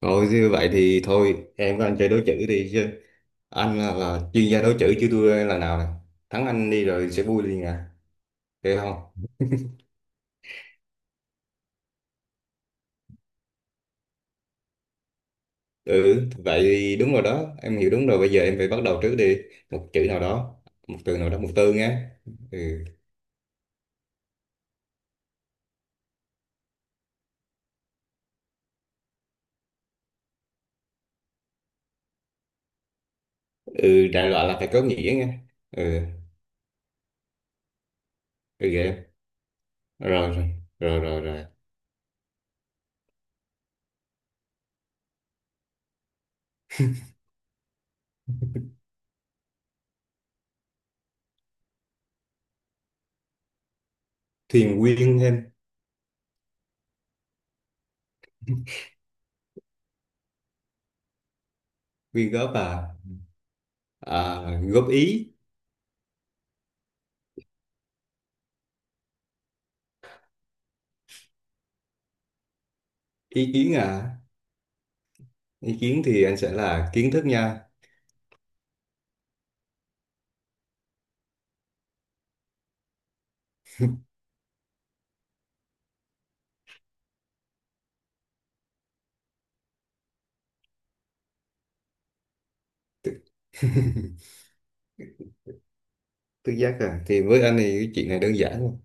Rồi như vậy thì thôi em với anh chơi đối chữ đi chứ. Anh là chuyên gia đối chữ chứ tôi là nào nè. Thắng anh đi rồi sẽ vui liền à, được không? Ừ, vậy thì đúng rồi đó, em hiểu đúng rồi. Bây giờ em phải bắt đầu trước đi, một chữ nào đó, một từ nào đó, một từ nghe. Ừ. Ừ đại loại là phải có nghĩa nghe. Ừ. Ừ vậy em. Rồi rồi rồi rồi rồi. Thuyền quyên em. Quyên góp à. À, góp ý. Ý kiến à. Ý kiến thì anh sẽ là kiến thức nha. Tứ giác à, thì với anh thì cái chuyện này đơn giản luôn.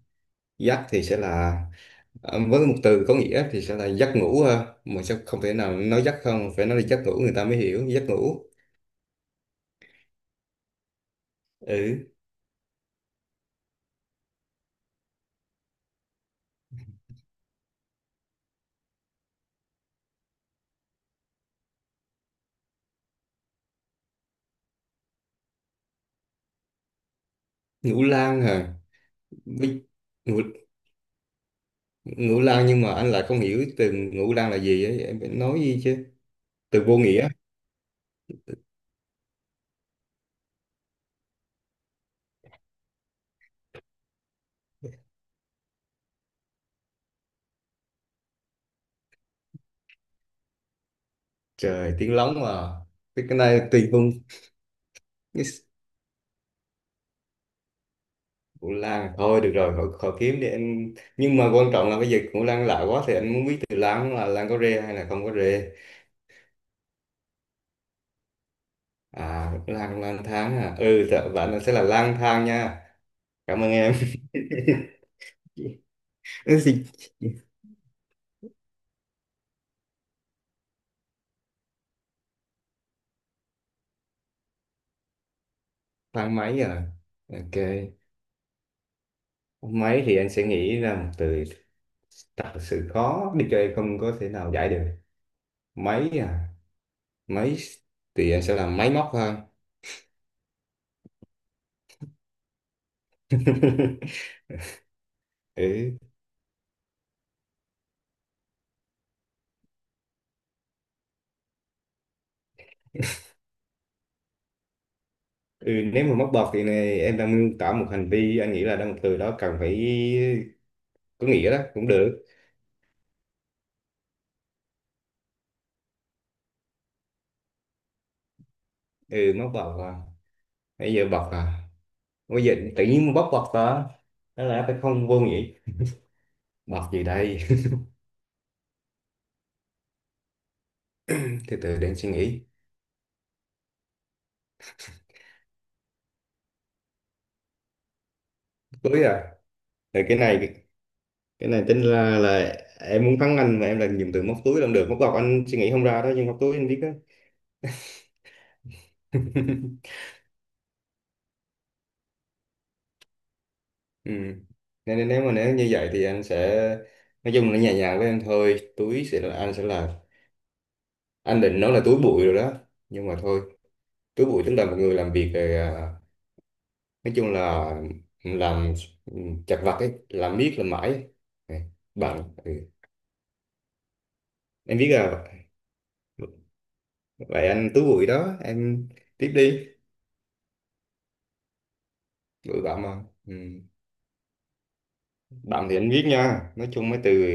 Giác thì sẽ là với một từ có nghĩa thì sẽ là giấc ngủ ha, mà sẽ không thể nào nói giấc, không phải, nói là giấc ngủ người ta mới hiểu giấc ngủ. Ừ. Ngủ lang hả? Bi- Ngủ, ngủ lang nhưng mà anh lại không hiểu từ ngủ lang là gì ấy, em phải nói gì chứ. Từ vô nghĩa. Trời, tiếng lóng mà. Cái này tùy hung. Cái s- Ngủ lang thôi được rồi, khỏi kiếm đi em, nhưng mà quan trọng là bây giờ ngủ lang lạ quá thì anh muốn biết từ lang là lang có rê hay là không có rê. À lang, lang thang à, ừ dạ, bạn sẽ là lang thang nha. Cảm ơn em. Ừ, gì? Thang máy à. Ok. Máy thì anh sẽ nghĩ ra một từ thật sự khó, đi chơi không có thể nào giải được. Máy à. Máy thì anh sẽ làm máy móc hơn. Ừ. Ừ nếu mà móc bọt thì này em đang miêu tả một hành vi, anh nghĩ là đang một từ đó cần phải có nghĩa đó cũng được. Ừ móc bọt à. Bây giờ bọt à, bây giờ tự nhiên bóc bật ta. Đó là phải không, vô nghĩa. Bật gì đây. Từ từ để em suy nghĩ. Túi à. Rồi cái này, cái này tính là em muốn thắng anh, mà em làm dùng từ móc túi làm được, móc bọc anh suy nghĩ không ra đó, nhưng móc túi anh biết đó. Ừ. Nên nếu mà, nếu như vậy thì anh sẽ nói chung là nhẹ nhàng với em thôi. Túi sẽ là, anh sẽ là, anh định nói là túi bụi rồi đó, nhưng mà thôi. Túi bụi tức là một người làm việc rồi nói chung là làm chặt vặt ấy, làm miết làm mãi ấy. Ừ, bạn ừ. Em biết là vậy anh Tú Bụi đó em, tiếp đi. Bụi bạn mà ừ. Bạn thì anh biết nha, nói chung mấy từ.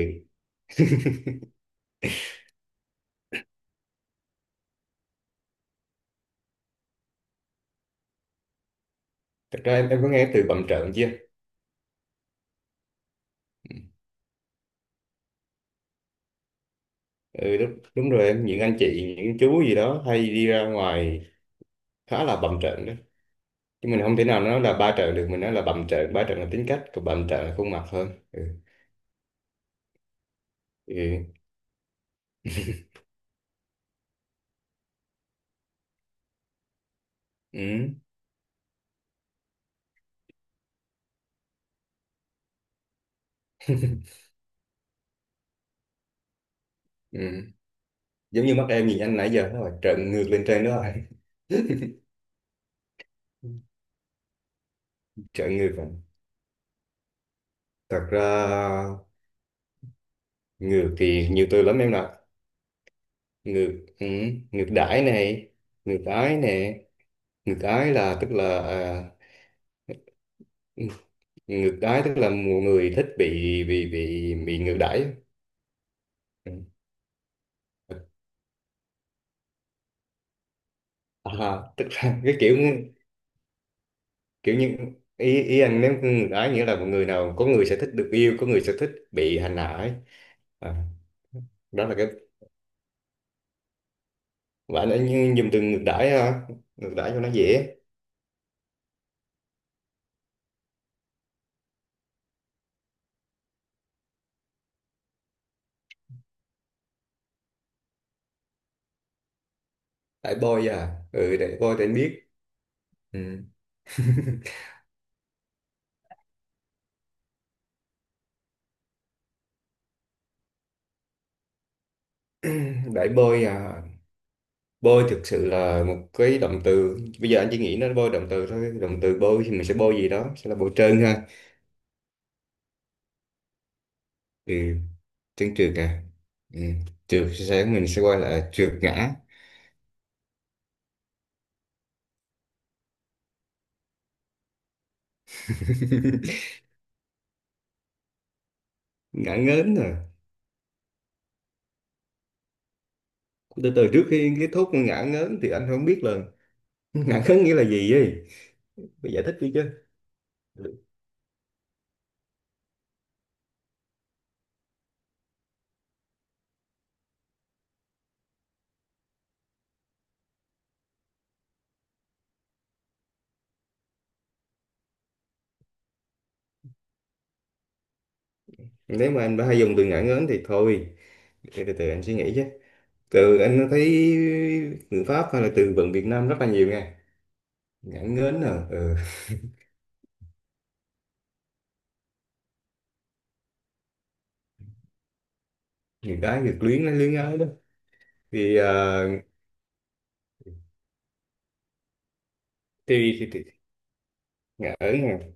Thật ra em có nghe từ bặm trợn chưa. Ừ. Ừ, đúng rồi em, những anh chị những chú gì đó hay đi ra ngoài khá là bặm trợn đó. Chứ mình không thể nào nói là ba trợn được, mình nói là bặm trợn. Ba trợn là tính cách, còn bặm trợn là khuôn mặt hơn. Ừ. Ừ. Ừ. Ừ. Giống như mắt em nhìn anh nãy giờ nó là trợn ngược lên trên đó rồi. Trợn ngược rồi. Thật ra ngược thì nhiều từ lắm em ạ. Ngược, ừ, ngược đãi này, ngược ái nè. Ngược ái là tức là à, ngược đãi tức là một người thích bị ngược đãi. Ừ. À, tức là cái kiểu, kiểu như, ý ý anh nếu ngược ái nghĩa là một người nào, có người sẽ thích được yêu, có người sẽ thích bị hành hạ ấy. À, đó là cái bạn đã dùng từ ngược đãi hả, ngược đãi cho nó dễ. Đãi bôi à, ừ đãi bôi thì anh biết. Ừ. Đãi bôi à. Bôi thực sự là một cái động từ, bây giờ anh chỉ nghĩ nó bôi động từ thôi, động từ bôi thì mình sẽ bôi gì đó sẽ là bôi trơn ha. Ừ. Trơn trượt à. Ừ. Trượt sẽ mình sẽ gọi là trượt ngã. Ngã ngớn à. Từ từ, trước khi kết thúc ngã ngớn thì anh không biết là ngã ngớn nghĩa là gì ấy. Phải giải thích đi chứ. Nếu mà anh đã hay dùng từ ngã ngớn thì thôi, để từ từ anh suy nghĩ chứ. Từ anh thấy người Pháp hay là từ vựng Việt Nam rất là nhiều nghe. Ngãn ngến nè ừ. Người gái người luyến, nó luyến ái đó. Thì thì ngỡ nè.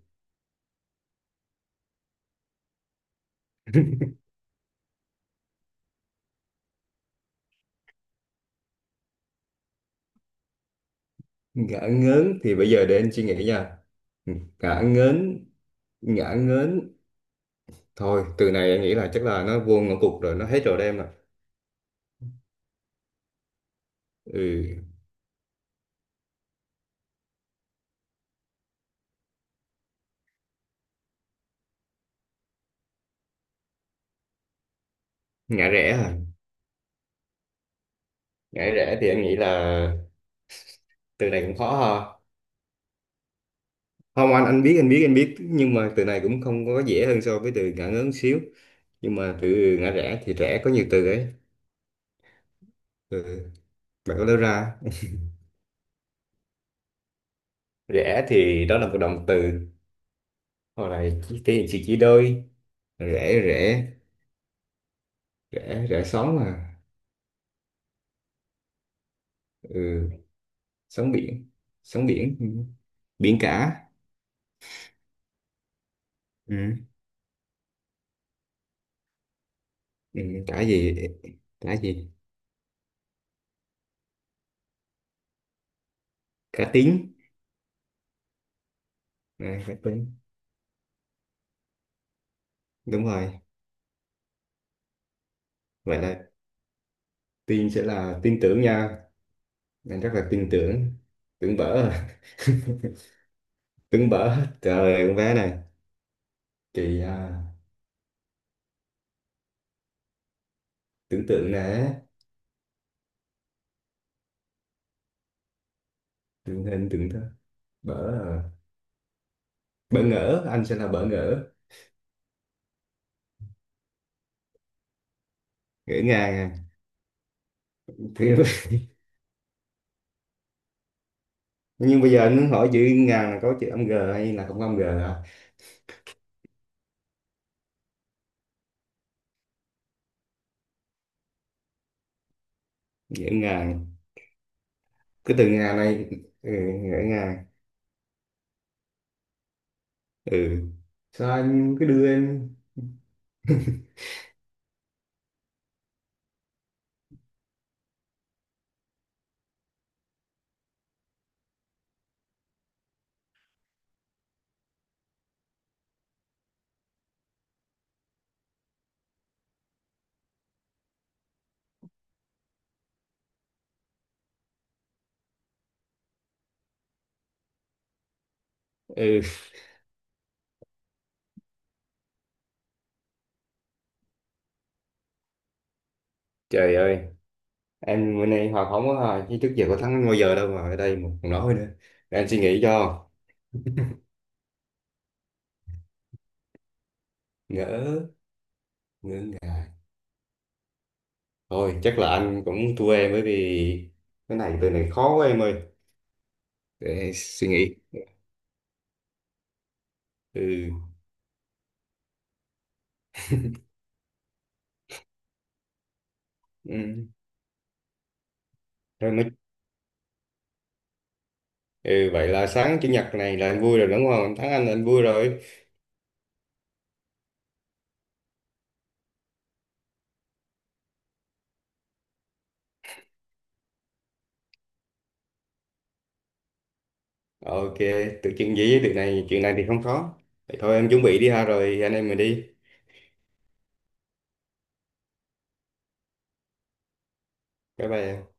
Ngỡ ngớn thì bây giờ để anh suy nghĩ nha. Ngỡ ngớn. Ngỡ ngớn. Thôi từ này anh nghĩ là chắc là nó vô ngõ cụt rồi, nó hết rồi đem rồi. Ừ. Ngã rẽ à. Ngã rẽ thì anh nghĩ là từ này cũng khó ha. Không, anh biết, anh biết, anh biết, nhưng mà từ này cũng không có dễ hơn so với từ ngã ngớn xíu. Nhưng mà từ ngã rẽ thì rẽ có nhiều từ ấy. Ừ. Bạn có đưa ra, rẽ thì đó là một động từ hoặc là chỉ thể hiện sự đôi. Rẽ rẽ rẽ rẽ sóng mà. Ừ. Sóng biển. Sóng biển ừ. Biển cả. Ừ. Ừ. Cả gì. Cả gì. Cả tiếng. À, cả tiếng đúng rồi. Vậy là tin sẽ là tin tưởng nha, anh rất là tin tưởng. Tưởng bở à. Tưởng bở, trời ơi con bé này, chị à, tưởng tượng nè. Tưởng hình tưởng thơ. Bỡ à. Bỡ ngỡ, anh sẽ là bỡ ngỡ. Ngỡ ngàng à. thì, nhưng bây giờ anh hỏi chữ ngàn là có chữ âm g hay là không có âm g hả. Ngỡ ngàng, cái từ ngàn này, ừ, ngỡ ngàng, ừ, sao anh cứ đưa em. Ừ, trời ơi, em bữa nay hòa không quá hả, chứ trước giờ có thắng bao giờ đâu mà ở đây một còn nói nữa. Để anh suy nghĩ cho. Ngỡ. Thôi chắc là anh cũng thua em, bởi vì cái này, từ này khó quá em ơi. Để suy nghĩ. Ừ. Ừ. Rồi nói. Ừ, vậy là sáng chủ nhật này là anh vui rồi đúng không? Anh thắng anh là anh vui rồi. Ok, tự chuyện gì với tự này, chuyện này thì không khó. Vậy thôi em chuẩn bị đi ha rồi anh em mình đi. Bye bye em.